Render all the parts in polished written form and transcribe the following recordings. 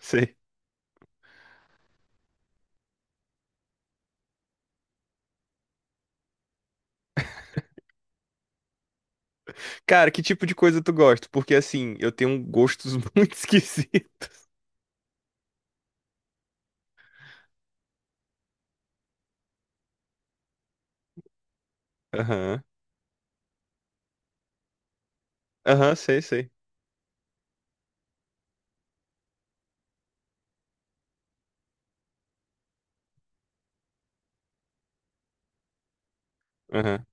Sei. Cara, que tipo de coisa tu gosta? Porque assim, eu tenho gostos muito esquisitos. Aham. Aham, sei, sei. Aham.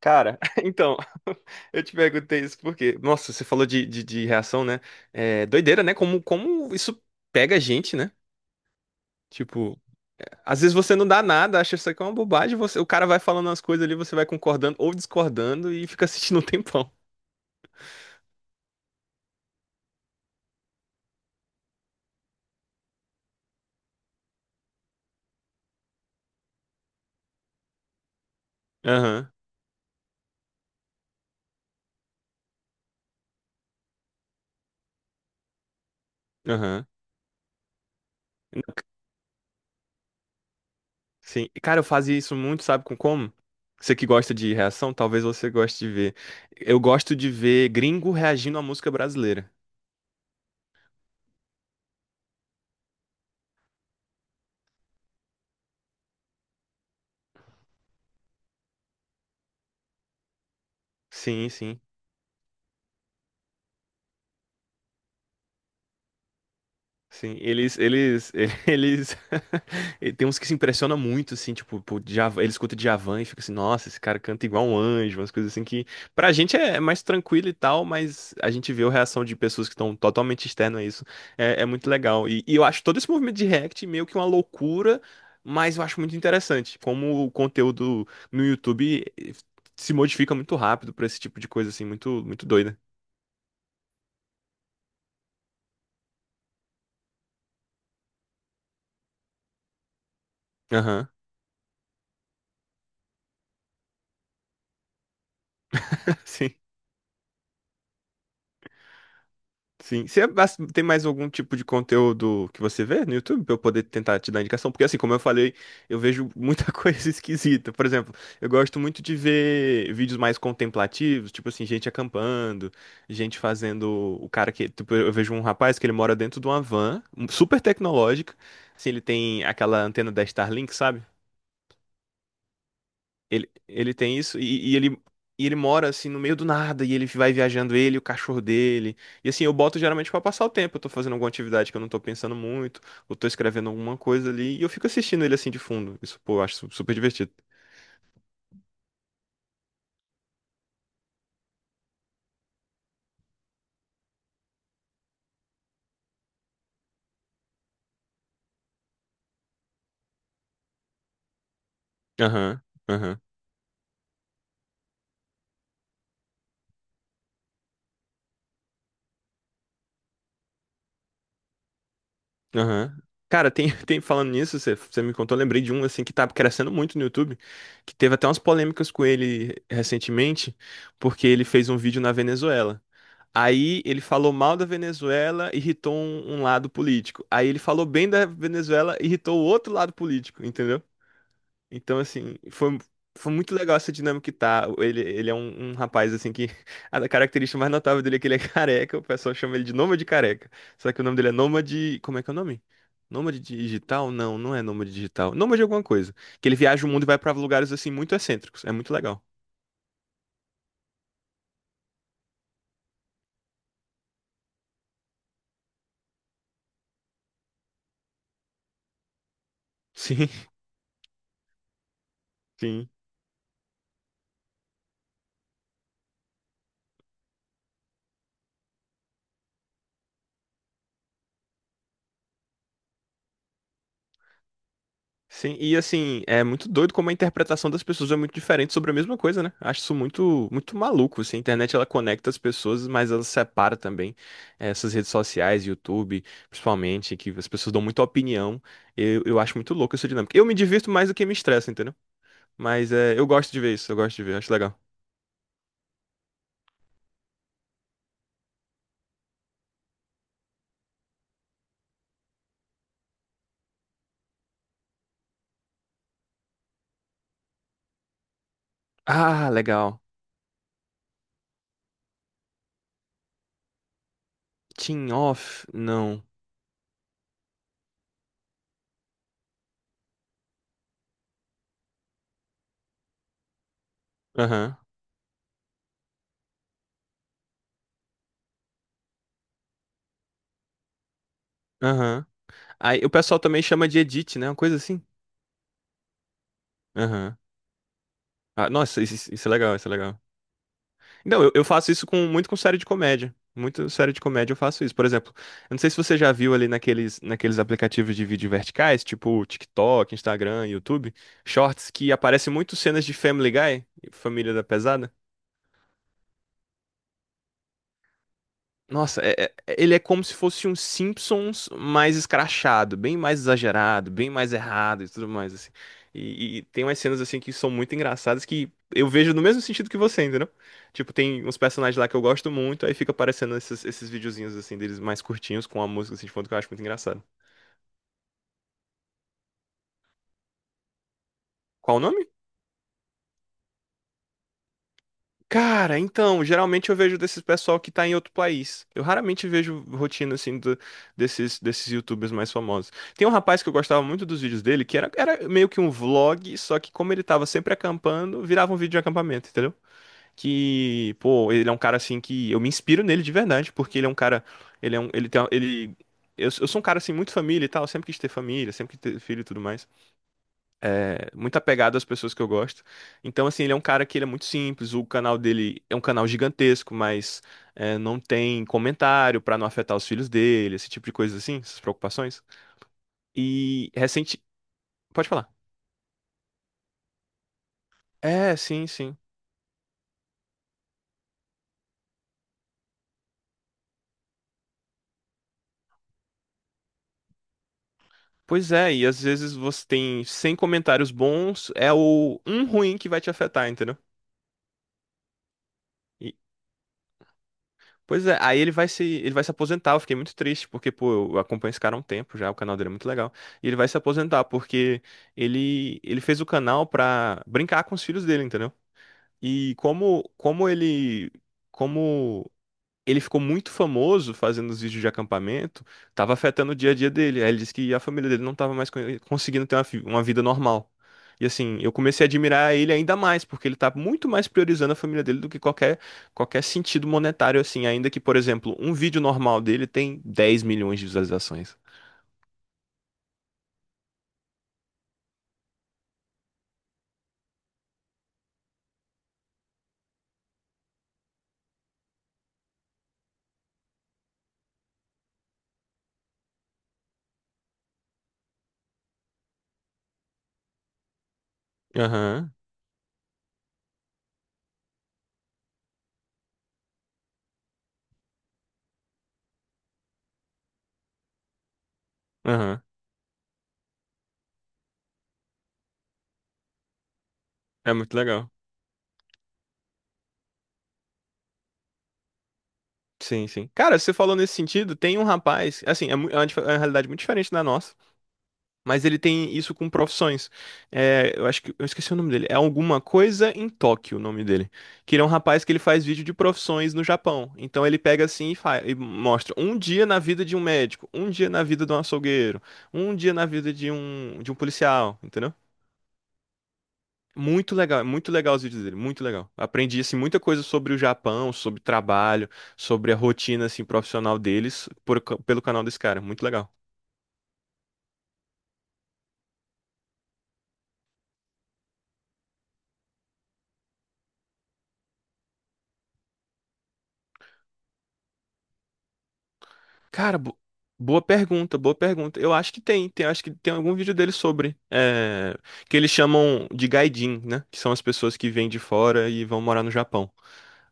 Cara, então, eu te perguntei isso porque, nossa, você falou de reação, né? É doideira, né? Como isso pega a gente, né? Tipo, às vezes você não dá nada, acha isso aqui é uma bobagem, você, o cara vai falando as coisas ali, você vai concordando ou discordando e fica assistindo um tempão. Aham, aham. Sim, e, cara, eu fazia isso muito, sabe com como? Você que gosta de reação, talvez você goste de ver. Eu gosto de ver gringo reagindo à música brasileira. Sim, sim. Sim, eles, eles, e tem uns que se impressionam muito, assim, tipo, por Djavan, eles escutam Djavan e fica assim, nossa, esse cara canta igual um anjo, umas coisas assim que, pra gente é mais tranquilo e tal, mas a gente vê a reação de pessoas que estão totalmente externas a isso, é muito legal, e eu acho todo esse movimento de React meio que uma loucura, mas eu acho muito interessante, como o conteúdo no YouTube se modifica muito rápido pra esse tipo de coisa, assim, muito, muito doida. Aham, sim. Sim. Você tem mais algum tipo de conteúdo que você vê no YouTube pra eu poder tentar te dar indicação? Porque assim, como eu falei, eu vejo muita coisa esquisita. Por exemplo, eu gosto muito de ver vídeos mais contemplativos, tipo assim, gente acampando, gente fazendo o cara que, tipo, eu vejo um rapaz que ele mora dentro de uma van super tecnológica. Assim, ele tem aquela antena da Starlink, sabe? Ele tem isso e ele mora assim no meio do nada e ele vai viajando ele, e o cachorro dele. E assim, eu boto geralmente pra passar o tempo, eu tô fazendo alguma atividade que eu não tô pensando muito, ou tô escrevendo alguma coisa ali e eu fico assistindo ele assim de fundo. Isso, pô, eu acho super divertido. Aham, aham, aham. Cara, tem, tem falando nisso, você me contou, eu lembrei de um assim que tá crescendo muito no YouTube, que teve até umas polêmicas com ele recentemente, porque ele fez um vídeo na Venezuela. Aí ele falou mal da Venezuela, irritou um lado político. Aí ele falou bem da Venezuela, irritou o outro lado político, entendeu? Então, assim, foi muito legal essa dinâmica que tá. Ele é um, rapaz, assim, que a característica mais notável dele é que ele é careca. O pessoal chama ele de Nômade Careca. Só que o nome dele é Nômade. Como é que é o nome? Nômade digital? Não, não é nômade digital. Nômade de alguma coisa. Que ele viaja o mundo e vai pra lugares, assim, muito excêntricos. É muito legal. Sim, sim. Sim, e assim, é muito doido como a interpretação das pessoas é muito diferente sobre a mesma coisa, né? Acho isso muito, muito maluco, assim. A internet, ela conecta as pessoas, mas ela separa também essas redes sociais, YouTube, principalmente, que as pessoas dão muita opinião. Eu acho muito louco essa dinâmica. Eu me divirto mais do que me estressa, entendeu? Mas eu gosto de ver isso, eu gosto de ver, acho legal. Ah, legal. Team off? Não. Aham, aham. Aí o pessoal também chama de edit, né? Uma coisa assim. Aham. Ah, nossa, isso é legal, isso é legal. Não, eu faço isso com muito com série de comédia. Muito série de comédia eu faço isso. Por exemplo, eu não sei se você já viu ali naqueles aplicativos de vídeo verticais, tipo TikTok, Instagram, YouTube, Shorts, que aparecem muito cenas de Family Guy, Família da Pesada. Nossa, ele é como se fosse um Simpsons mais escrachado, bem mais exagerado, bem mais errado e tudo mais, assim. E tem umas cenas, assim, que são muito engraçadas que eu vejo no mesmo sentido que você, entendeu? Tipo, tem uns personagens lá que eu gosto muito, aí fica aparecendo esses videozinhos, assim, deles mais curtinhos com a música, assim, de fundo que eu acho muito engraçado. Qual o nome? Cara, então, geralmente eu vejo desses pessoal que tá em outro país. Eu raramente vejo rotina assim desses YouTubers mais famosos. Tem um rapaz que eu gostava muito dos vídeos dele, que era meio que um vlog, só que como ele tava sempre acampando, virava um vídeo de acampamento, entendeu? Que, pô, ele é um cara assim que eu me inspiro nele de verdade, porque ele é um cara, ele é um, ele tem, ele eu sou um cara assim muito família e tal, sempre quis ter família, sempre quis ter filho e tudo mais é, muito apegado às pessoas que eu gosto. Então, assim, ele é um cara que ele é muito simples. O canal dele é um canal gigantesco, mas é, não tem comentário pra não afetar os filhos dele, esse tipo de coisa assim, essas preocupações. E recente. Pode falar. É, sim, sim. Pois é, e às vezes você tem 100 comentários bons, é o um ruim que vai te afetar, entendeu? Pois é, aí ele vai se aposentar. Eu fiquei muito triste, porque, pô, eu acompanho esse cara há um tempo já, o canal dele é muito legal. E ele vai se aposentar, porque ele fez o canal pra brincar com os filhos dele, entendeu? E como ele ficou muito famoso fazendo os vídeos de acampamento, tava afetando o dia a dia dele. Aí ele disse que a família dele não tava mais conseguindo ter uma vida normal. E assim, eu comecei a admirar ele ainda mais, porque ele tá muito mais priorizando a família dele do que qualquer sentido monetário, assim. Ainda que, por exemplo, um vídeo normal dele tem 10 milhões de visualizações. Aham, aham. É muito legal. Sim, sim. Cara, você falou nesse sentido, tem um rapaz, assim, é uma realidade muito diferente da nossa. Mas ele tem isso com profissões. É, eu acho que eu esqueci o nome dele. É alguma coisa em Tóquio, o nome dele. Que ele é um rapaz que ele faz vídeo de profissões no Japão. Então ele pega assim e, faz, e mostra um dia na vida de um médico, um dia na vida de um açougueiro, um dia na vida de um policial, entendeu? Muito legal, é muito legal os vídeos dele, muito legal. Aprendi assim muita coisa sobre o Japão, sobre trabalho, sobre a rotina assim profissional deles pelo canal desse cara, muito legal. Cara, boa pergunta, boa pergunta. Eu acho que tem, acho que tem algum vídeo dele sobre, é, que eles chamam de gaijin, né? Que são as pessoas que vêm de fora e vão morar no Japão.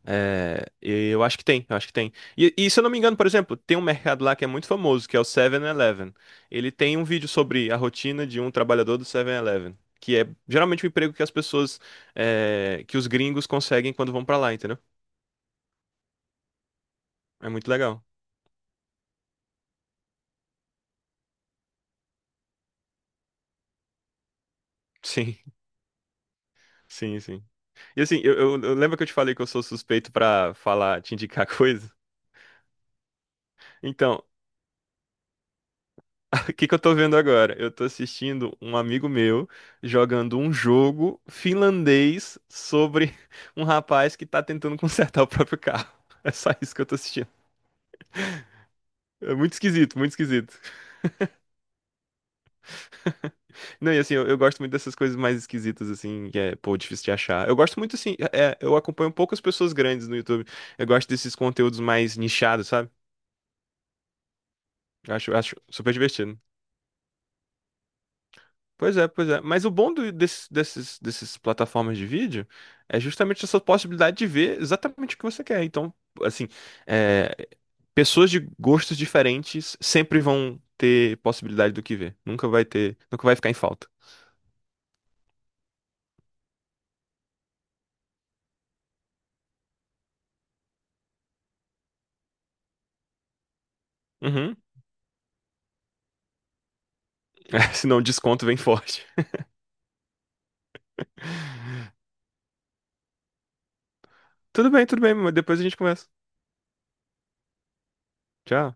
É, e eu acho que tem. E se eu não me engano, por exemplo, tem um mercado lá que é muito famoso, que é o Seven eleven Ele tem um vídeo sobre a rotina de um trabalhador do Seven eleven que é geralmente o emprego que as pessoas, é, que os gringos conseguem quando vão pra lá, entendeu? É muito legal. Sim. Sim, sim. E assim, eu, eu lembro que eu te falei que eu sou suspeito pra falar, te indicar coisa? Então, o que que eu tô vendo agora? Eu tô assistindo um amigo meu jogando um jogo finlandês sobre um rapaz que tá tentando consertar o próprio carro. É só isso que eu tô assistindo. É muito esquisito, muito esquisito. Não, e assim, eu, gosto muito dessas coisas mais esquisitas, assim, que é, pô, difícil de achar. Eu gosto muito, assim, é, eu acompanho poucas pessoas grandes no YouTube. Eu gosto desses conteúdos mais nichados, sabe? Eu acho super divertido. Pois é, pois é. Mas o bom dessas plataformas de vídeo é justamente essa possibilidade de ver exatamente o que você quer. Então, assim, é, pessoas de gostos diferentes sempre vão ter possibilidade do que ver. Nunca vai ter, nunca vai ficar em falta. Uhum. Senão o desconto vem forte. Tudo bem, mas depois a gente conversa. Tchau.